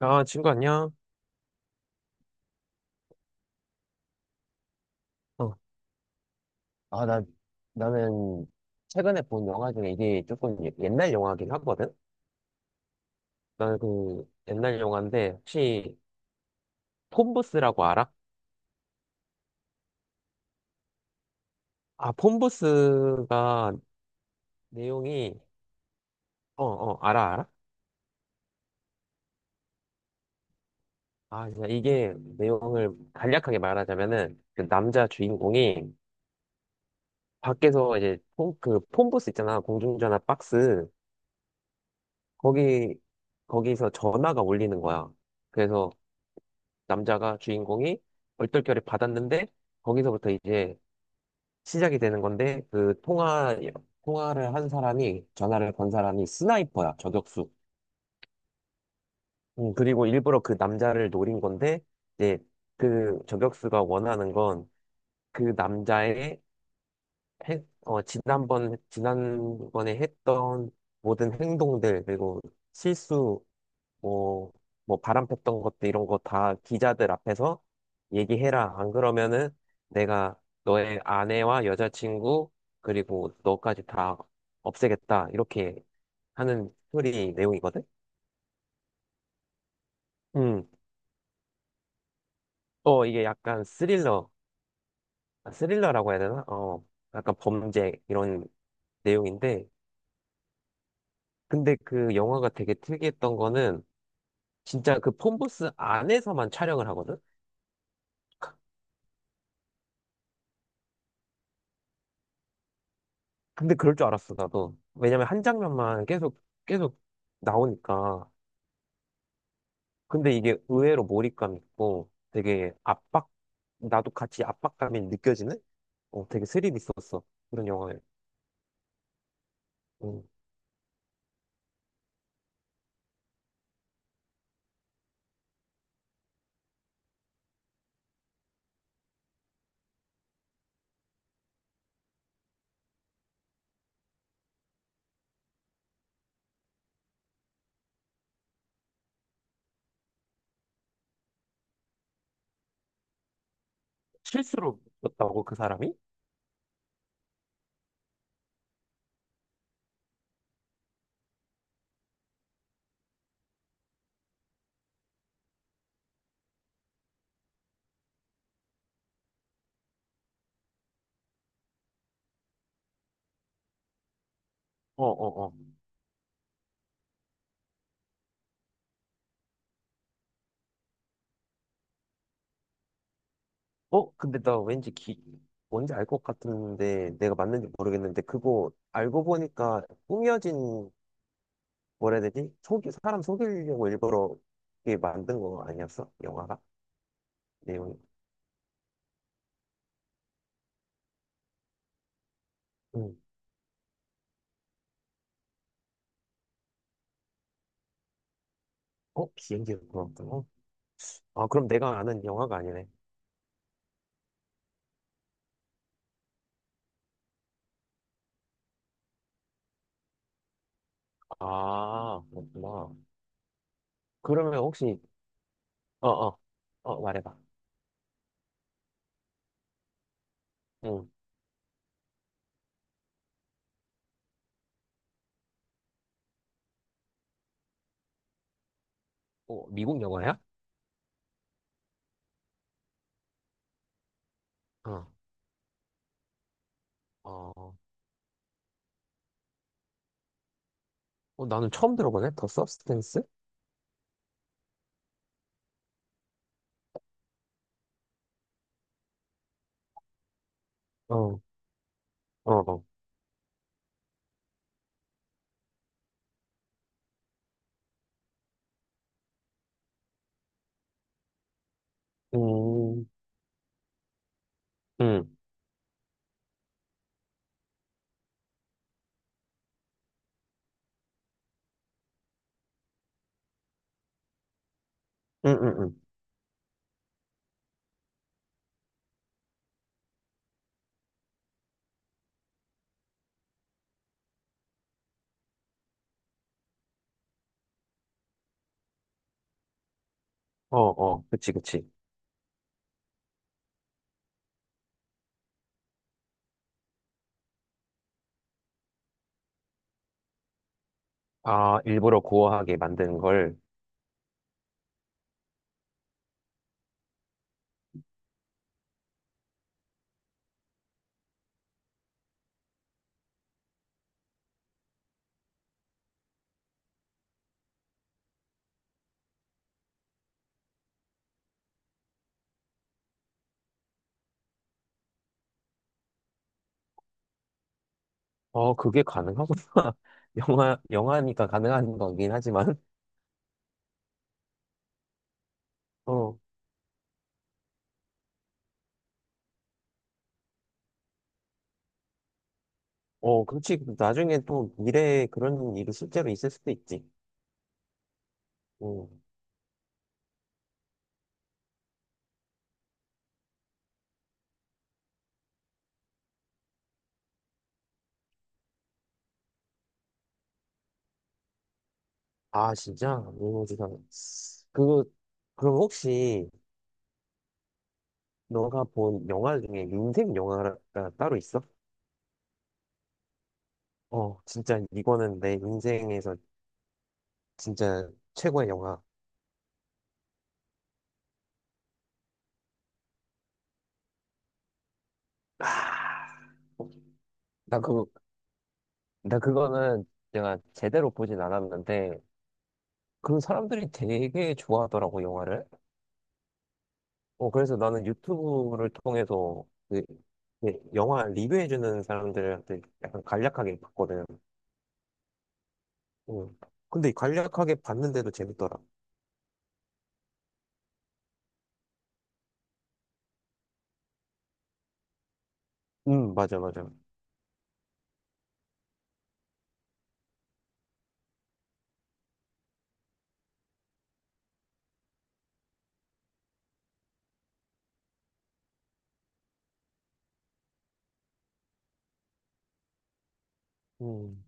아, 친구 안녕? 어, 아, 나, 나는 최근에 본 영화 중에 이게 조금 옛날 영화긴 하거든? 나는 그 옛날 영화인데 혹시 폰부스라고 알아? 아, 폰부스가 내용이, 알아, 알아? 아, 진짜 이게 내용을 간략하게 말하자면은 그 남자 주인공이 밖에서 이제 그 폰부스 있잖아. 공중전화 박스. 거기, 거기서 전화가 울리는 거야. 그래서 남자가 주인공이 얼떨결에 받았는데 거기서부터 이제 시작이 되는 건데 그 통화를 한 사람이 전화를 건 사람이 스나이퍼야 저격수. 그리고 일부러 그 남자를 노린 건데 이제 그 저격수가 원하는 건 그 남자의 지난번에 했던 모든 행동들 그리고 실수 뭐, 뭐 바람 폈던 것도 이런 거 다 기자들 앞에서 얘기해라. 안 그러면은 내가 너의 아내와 여자친구 그리고 너까지 다 없애겠다. 이렇게 하는 스토리 내용이거든. 음, 어 이게 약간 스릴러, 아, 스릴러라고 해야 되나? 어, 약간 범죄 이런 내용인데, 근데 그 영화가 되게 특이했던 거는 진짜 그 폰부스 안에서만 촬영을 하거든. 근데 그럴 줄 알았어, 나도. 왜냐면 한 장면만 계속 나오니까. 근데 이게 의외로 몰입감 있고 되게 압박, 나도 같이 압박감이 느껴지는? 어, 되게 스릴 있었어. 그런 영화에. 음. 실수로 였다고, 그 사람이? 어. 어, 근데 나 뭔지 알 것 같은데 내가 맞는지 모르겠는데 그거 알고 보니까 꾸며진, 뭐라 해야 되지? 사람 속이려고 일부러 이게 만든 거 아니었어? 영화가? 내용이. 응. 어? 비행기가 그렇구나. 아, 그럼 내가 아는 영화가 아니네. 아, 그렇구나. 그러면 혹시, 어, 어, 어, 말해봐. 응. 어, 미국 영화야? 어, 어, 어, 나는 처음 들어보네. 더 서브스탠스? 어, 어. 음, 음, 음, 음, 음. 어, 어, 그치, 그치. 아, 일부러 고어하게 만드는 걸. 어, 그게 가능하구나. 영화니까 가능한 거긴 하지만. 어, 그렇지. 나중에 또 미래에 그런 일이 실제로 있을 수도 있지. 응 아, 진짜? 미모지상. 그거, 그럼 혹시 너가 본 영화 중에 인생 영화가 따로 있어? 어, 진짜 이거는 내 인생에서 진짜 최고의 영화. 나 그거, 나 그거는 내가 제대로 보진 않았는데, 그 사람들이 되게 좋아하더라고, 영화를. 어, 그래서 나는 유튜브를 통해서 그, 그 영화 리뷰해주는 사람들한테 약간 간략하게 봤거든. 음. 근데 간략하게 봤는데도 재밌더라. 맞아, 맞아. 음,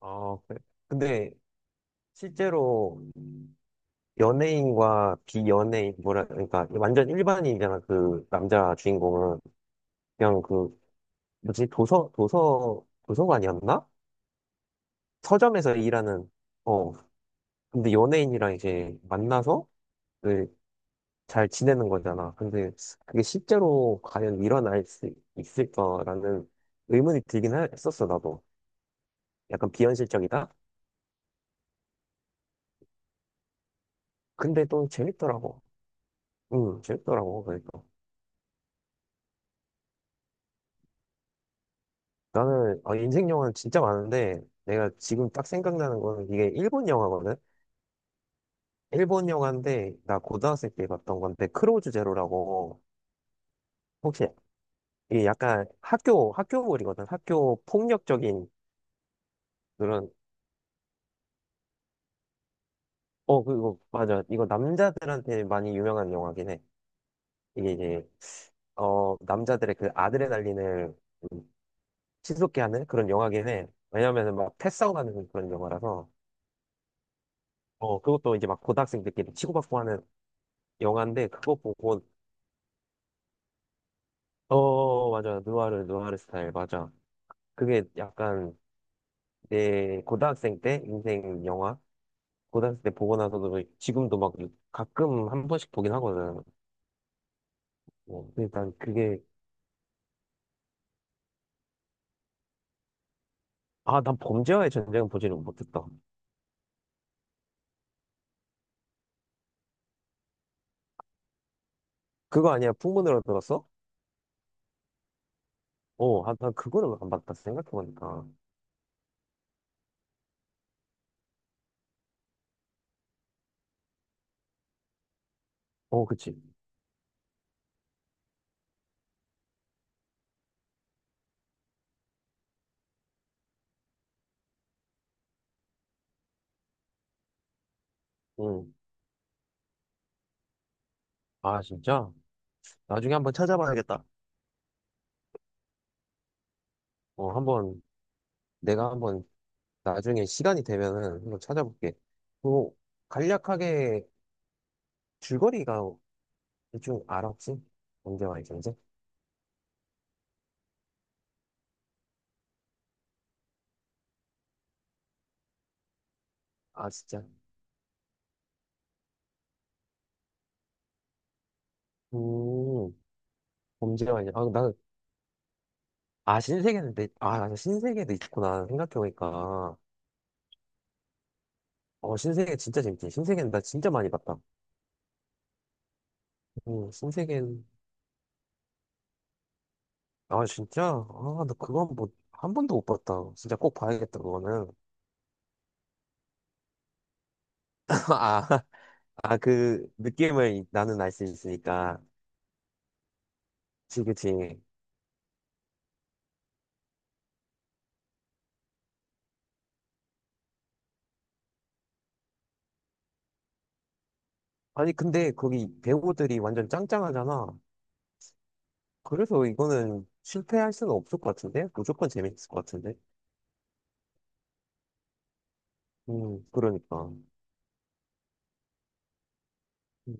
아, 그래. 근데 실제로 연예인과 비연예인, 뭐라, 그러니까 완전 일반인이잖아, 그 남자 주인공은. 그냥 그, 뭐지, 도서관이었나? 서점에서 일하는, 어. 근데 연예인이랑 이제 만나서 그잘 지내는 거잖아. 근데 그게 실제로 과연 일어날 수 있을까라는 의문이 들긴 했었어, 나도. 약간 비현실적이다? 근데 또 재밌더라고. 응, 재밌더라고, 그러니까. 나는, 아, 인생 영화는 진짜 많은데, 내가 지금 딱 생각나는 거는 이게 일본 영화거든? 일본 영화인데, 나 고등학생 때 봤던 건데, 크로우즈 제로라고, 혹시, 이게 약간 학교물이거든? 학교 폭력적인 그런, 어, 그리고, 맞아. 이거 남자들한테 많이 유명한 영화긴 해. 이게 이제, 어, 남자들의 그 아드레날린을 좀 치솟게 하는 그런 영화긴 해. 왜냐면은 막 패싸움하는 그런 영화라서. 어, 그것도 이제 막 고등학생들끼리 치고받고 하는 영화인데 그거 보고 어 맞아 누아르 스타일 맞아. 그게 약간 내 고등학생 때 인생 영화. 고등학생 때 보고 나서도 지금도 막 가끔 한 번씩 보긴 하거든. 뭐, 근데 난 그게. 아 난 범죄와의 전쟁은 보지는 못했다. 그거 아니야 풍문으로 들었어? 어아난 그거를 안 봤다 생각해보니까. 어 그치. 응아 진짜. 나중에 한번 찾아봐야겠다. 어 한번 한번 나중에 시간이 되면은 한번 찾아볼게. 뭐 간략하게 줄거리가 대충 알아 혹시? 범죄와 이제? 아 진짜. 음 범죄와 이제. 아 나는 아 신세계는 내. 아 맞아 신세계도 있구나 생각해보니까. 어 신세계 진짜 재밌지. 신세계는 나 진짜 많이 봤다. 신세계는 아 진짜. 아 나 그거 한번한 번도 못 봤다. 진짜 꼭 봐야겠다 그거는. 아 아, 그 느낌을 나는 알 수 있으니까. 그치, 그치. 아니, 근데 거기 배우들이 완전 짱짱하잖아. 그래서 이거는 실패할 수는 없을 것 같은데? 무조건 재밌을 것 같은데? 그러니까. 음.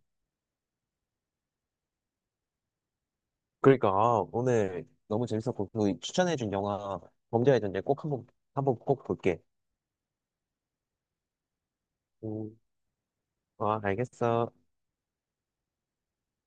그러니까, 아, 오늘 너무 재밌었고, 그 추천해준 영화, 범죄의 전쟁 꼭 한번 꼭 볼게. 음, 아, 알겠어.